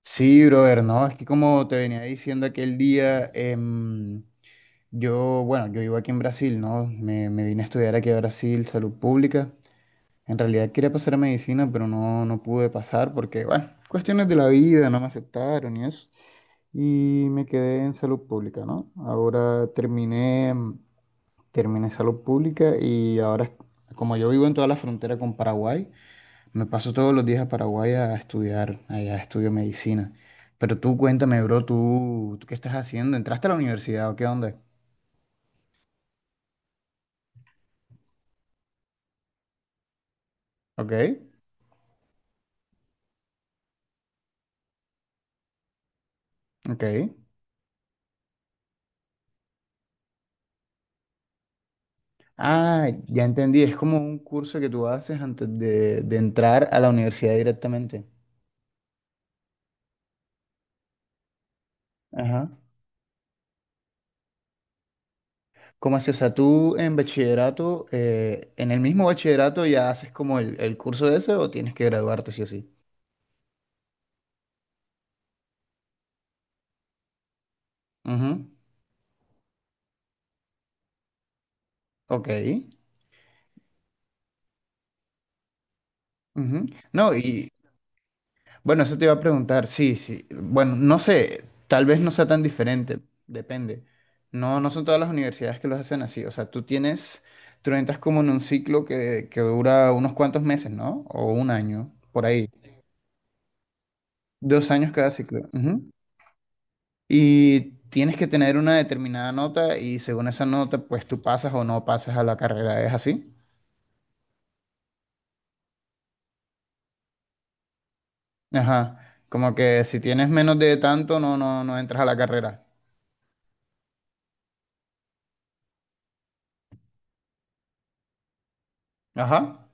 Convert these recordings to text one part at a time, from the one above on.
Sí, brother, no, es que como te venía diciendo aquel día, bueno, yo vivo aquí en Brasil, ¿no? Me vine a estudiar aquí a Brasil, salud pública. En realidad quería pasar a medicina, pero no, no pude pasar porque, bueno, cuestiones de la vida, no me aceptaron y eso. Y me quedé en salud pública, ¿no? Terminé salud pública y ahora, como yo vivo en toda la frontera con Paraguay, me paso todos los días a Paraguay a estudiar, allá estudio medicina. Pero tú cuéntame, bro, ¿tú qué estás haciendo? ¿Entraste a la universidad o qué onda? Ok, ok. Ah, ya entendí, es como un curso que tú haces antes de entrar a la universidad directamente. Ajá. ¿Cómo así? O sea, tú en bachillerato, en el mismo bachillerato ya haces como el curso ese o tienes que graduarte sí o sí. Ujú. Ok. Ujú. No, y, Bueno, eso te iba a preguntar, sí, sí. Bueno, no sé, tal vez no sea tan diferente, depende. No, no son todas las universidades que los hacen así. O sea, tú entras como en un ciclo que dura unos cuantos meses, ¿no? O un año, por ahí. 2 años cada ciclo. Ujú. Y tienes que tener una determinada nota y según esa nota, pues tú pasas o no pasas a la carrera. ¿Es así? Ajá. Como que si tienes menos de tanto, no, no, no entras a la carrera. Ajá.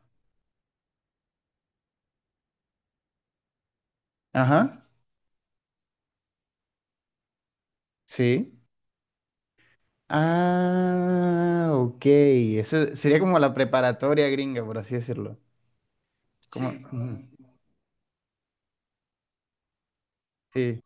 Ajá. Sí. Ah, ok. Eso sería como la preparatoria gringa, por así decirlo. Sí, ujú, sí.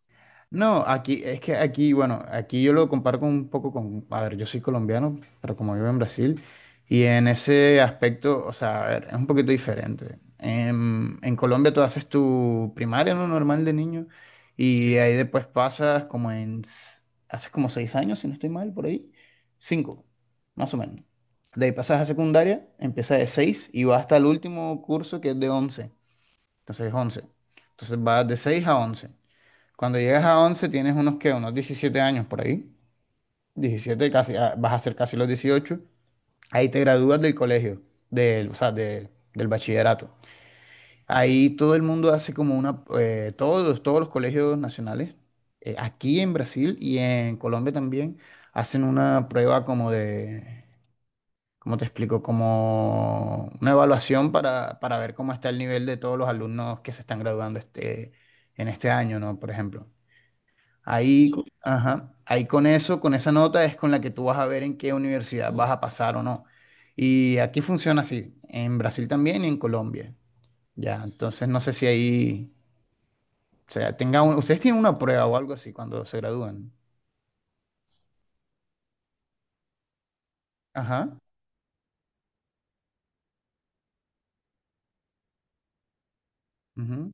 No, aquí es que aquí yo lo comparo con un poco con, a ver, yo soy colombiano, pero como vivo en Brasil, y en ese aspecto, o sea, a ver, es un poquito diferente. En Colombia tú haces tu primaria, lo normal de niño, y ahí después pasas haces como 6 años, si no estoy mal, por ahí, cinco, más o menos. De ahí pasas a secundaria, empieza de seis y va hasta el último curso que es de once, entonces es once. Entonces vas de seis a once. Cuando llegas a 11 tienes unos 17 años por ahí. 17 casi, ah, vas a ser casi los 18. Ahí te gradúas del colegio, del, o sea, de- del bachillerato. Ahí todo el mundo hace como todos los colegios nacionales, aquí en Brasil y en Colombia también, hacen una prueba como ¿cómo te explico? Como una evaluación para ver cómo está el nivel de todos los alumnos que se están graduando en este año, ¿no? Por ejemplo. Ahí, ajá, ahí con eso, con esa nota es con la que tú vas a ver en qué universidad vas a pasar o no. Y aquí funciona así, en Brasil también y en Colombia. Ya, entonces no sé si ahí, o sea, ustedes tienen una prueba o algo así cuando se gradúan. Ajá. Ujú.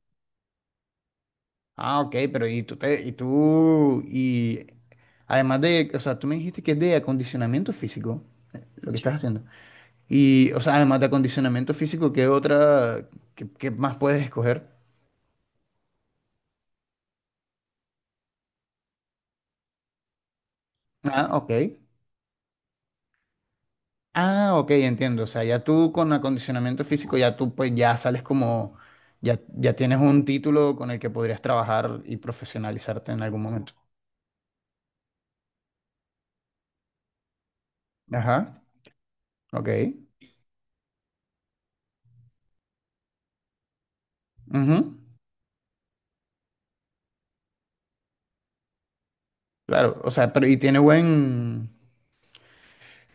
Ah, ok, ¿pero y tú te- y tú, y además de, o sea, tú me dijiste que es de acondicionamiento físico lo que estás haciendo? Y, o sea, además de acondicionamiento físico, qué más puedes escoger? Ah, ok. Ah, ok, entiendo. O sea, ya tú con acondicionamiento físico, ya tú pues ya sales ya tienes un título con el que podrías trabajar y profesionalizarte en algún momento. Ajá, ok. Ujú. Claro, o sea, pero y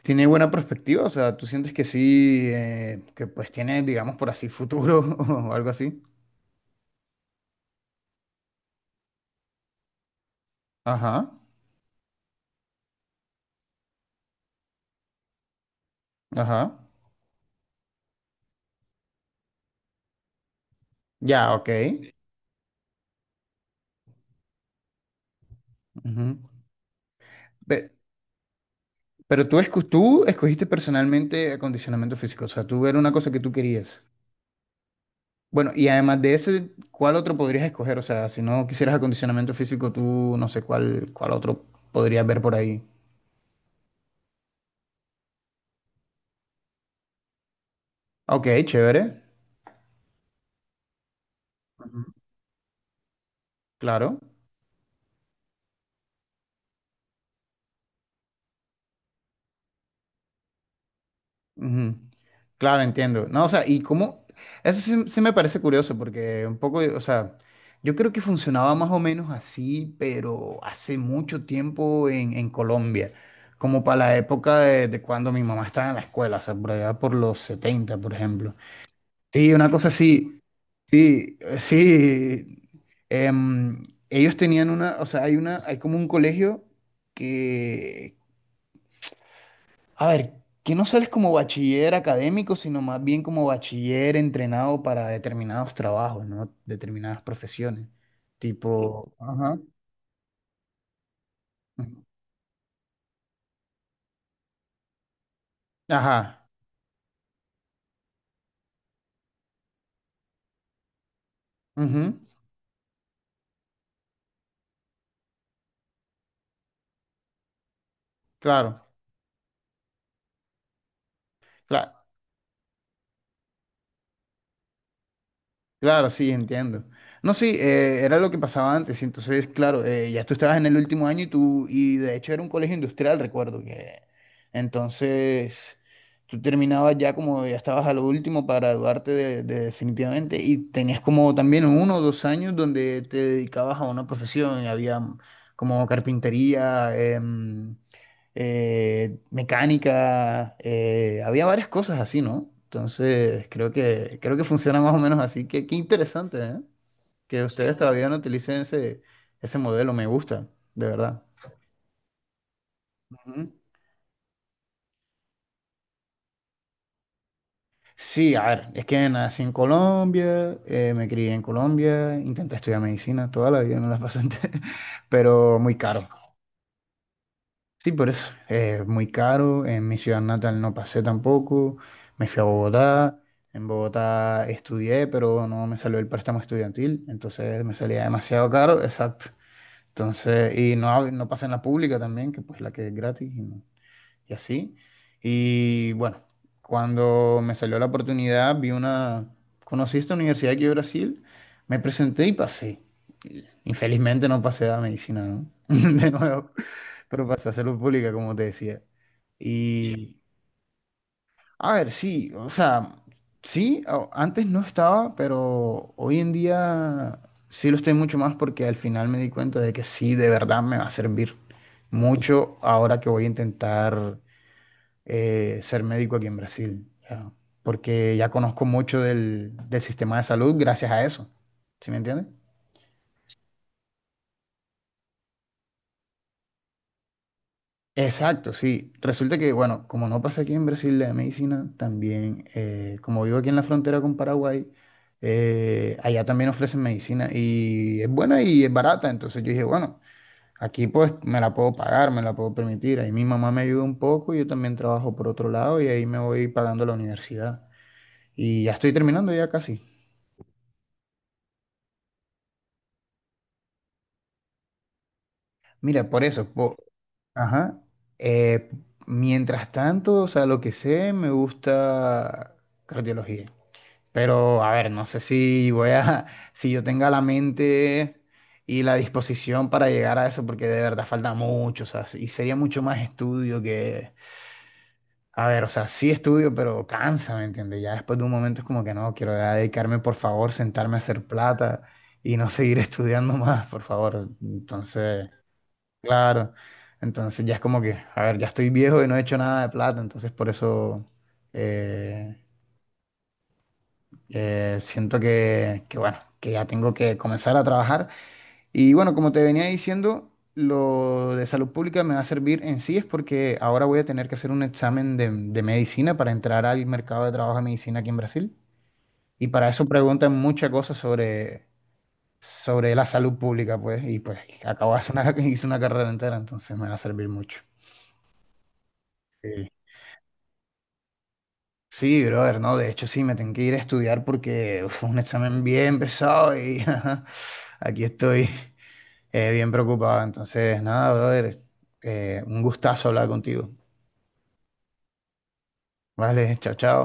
tiene buena perspectiva, o sea, tú sientes que sí, que pues tiene, digamos, por así futuro o algo así. Ajá, ajá. Ya, ok. Ujú. Pe- Tú escogiste personalmente acondicionamiento físico, o sea, tú era una cosa que tú querías. Bueno, y además de ese, ¿cuál otro podrías escoger? O sea, si no quisieras acondicionamiento físico, tú no sé cuál otro podrías ver por ahí. Ok, chévere. Ujú. Claro. Ujú. Claro, entiendo. No, o sea, y cómo, eso sí, sí me parece curioso porque un poco, o sea, yo creo que funcionaba más o menos así, pero hace mucho tiempo en Colombia, como para la época de cuando mi mamá estaba en la escuela, o sea, por allá por los 70, por ejemplo. Sí, una cosa así. Sí, sí. em, Ellos tenían hay hay como un colegio que, a ver, que no sales como bachiller académico, sino más bien como bachiller entrenado para determinados trabajos, ¿no? Determinadas profesiones. Tipo, ajá. Ajá. Ujú. Claro, cla- claro, sí, entiendo. No, sí, era lo que pasaba antes. Y entonces, claro, ya tú estabas en el último año y de hecho era un colegio industrial, recuerdo que. Entonces, tú terminabas ya como ya estabas a lo último para graduarte de definitivamente y tenías como también 1 o 2 años donde te dedicabas a una profesión. Había como carpintería, mecánica, había varias cosas así, ¿no? Entonces, creo que funciona más o menos así. Qué, qué interesante, ¿eh? Que ustedes todavía no utilicen ese modelo, me gusta, de verdad. Ujú. Sí, a ver, es que nací en Colombia, me crié en Colombia, intenté estudiar medicina toda la vida, no la pasé, pero muy caro. Sí, por eso. Es muy caro. En mi ciudad natal no pasé tampoco. Me fui a Bogotá. En Bogotá estudié, pero no me salió el préstamo estudiantil. Entonces me salía demasiado caro. Exacto. Entonces, y no, no pasé en la pública también, que pues la que es gratis. Y no y así. Y bueno, cuando me salió la oportunidad, conocí esta universidad aquí de Brasil, me presenté y pasé. Infelizmente no pasé a medicina, ¿no? De nuevo, pero pasé a salud pública, como te decía. Y, a ver, sí, o sea, sí, antes no estaba, pero hoy en día sí lo estoy mucho más porque al final me di cuenta de que sí, de verdad me va a servir mucho ahora que voy a intentar ser médico aquí en Brasil, ya, porque ya conozco mucho del sistema de salud gracias a eso, ¿sí me entiendes? Exacto, sí. Resulta que, bueno, como no pasa aquí en Brasil la medicina, también, como vivo aquí en la frontera con Paraguay, allá también ofrecen medicina y es buena y es barata, entonces yo dije, bueno, aquí pues me la puedo pagar, me la puedo permitir, ahí mi mamá me ayuda un poco, yo también trabajo por otro lado y ahí me voy pagando la universidad. Y ya estoy terminando ya casi. Mira, por eso, ajá. Eh, mientras tanto, o sea, lo que sé, me gusta cardiología. Pero, a ver, no sé si voy a, si yo tenga la mente y la disposición para llegar a eso, porque de verdad falta mucho, o sea, y sería mucho más estudio que, a ver, o sea, sí estudio, pero cansa, ¿me entiendes? Ya después de un momento es como que no, quiero ya dedicarme, por favor, sentarme a hacer plata y no seguir estudiando más, por favor. Entonces... Claro. Entonces ya es como que, a ver, ya estoy viejo y no he hecho nada de plata, entonces por eso eh, siento bueno, que ya tengo que comenzar a trabajar. Y bueno, como te venía diciendo, lo de salud pública me va a servir en sí, es porque ahora voy a tener que hacer un examen de medicina para entrar al mercado de trabajo de medicina aquí en Brasil. Y para eso preguntan muchas cosas sobre, sobre la salud pública, pues, y pues acabo de hacer una, hice una carrera entera, entonces me va a servir mucho. Sí. Sí, brother, no, de hecho sí, me tengo que ir a estudiar porque uf, fue un examen bien pesado y ajá, aquí estoy bien preocupado. Entonces, nada, brother, un gustazo hablar contigo. Vale, chao, chao.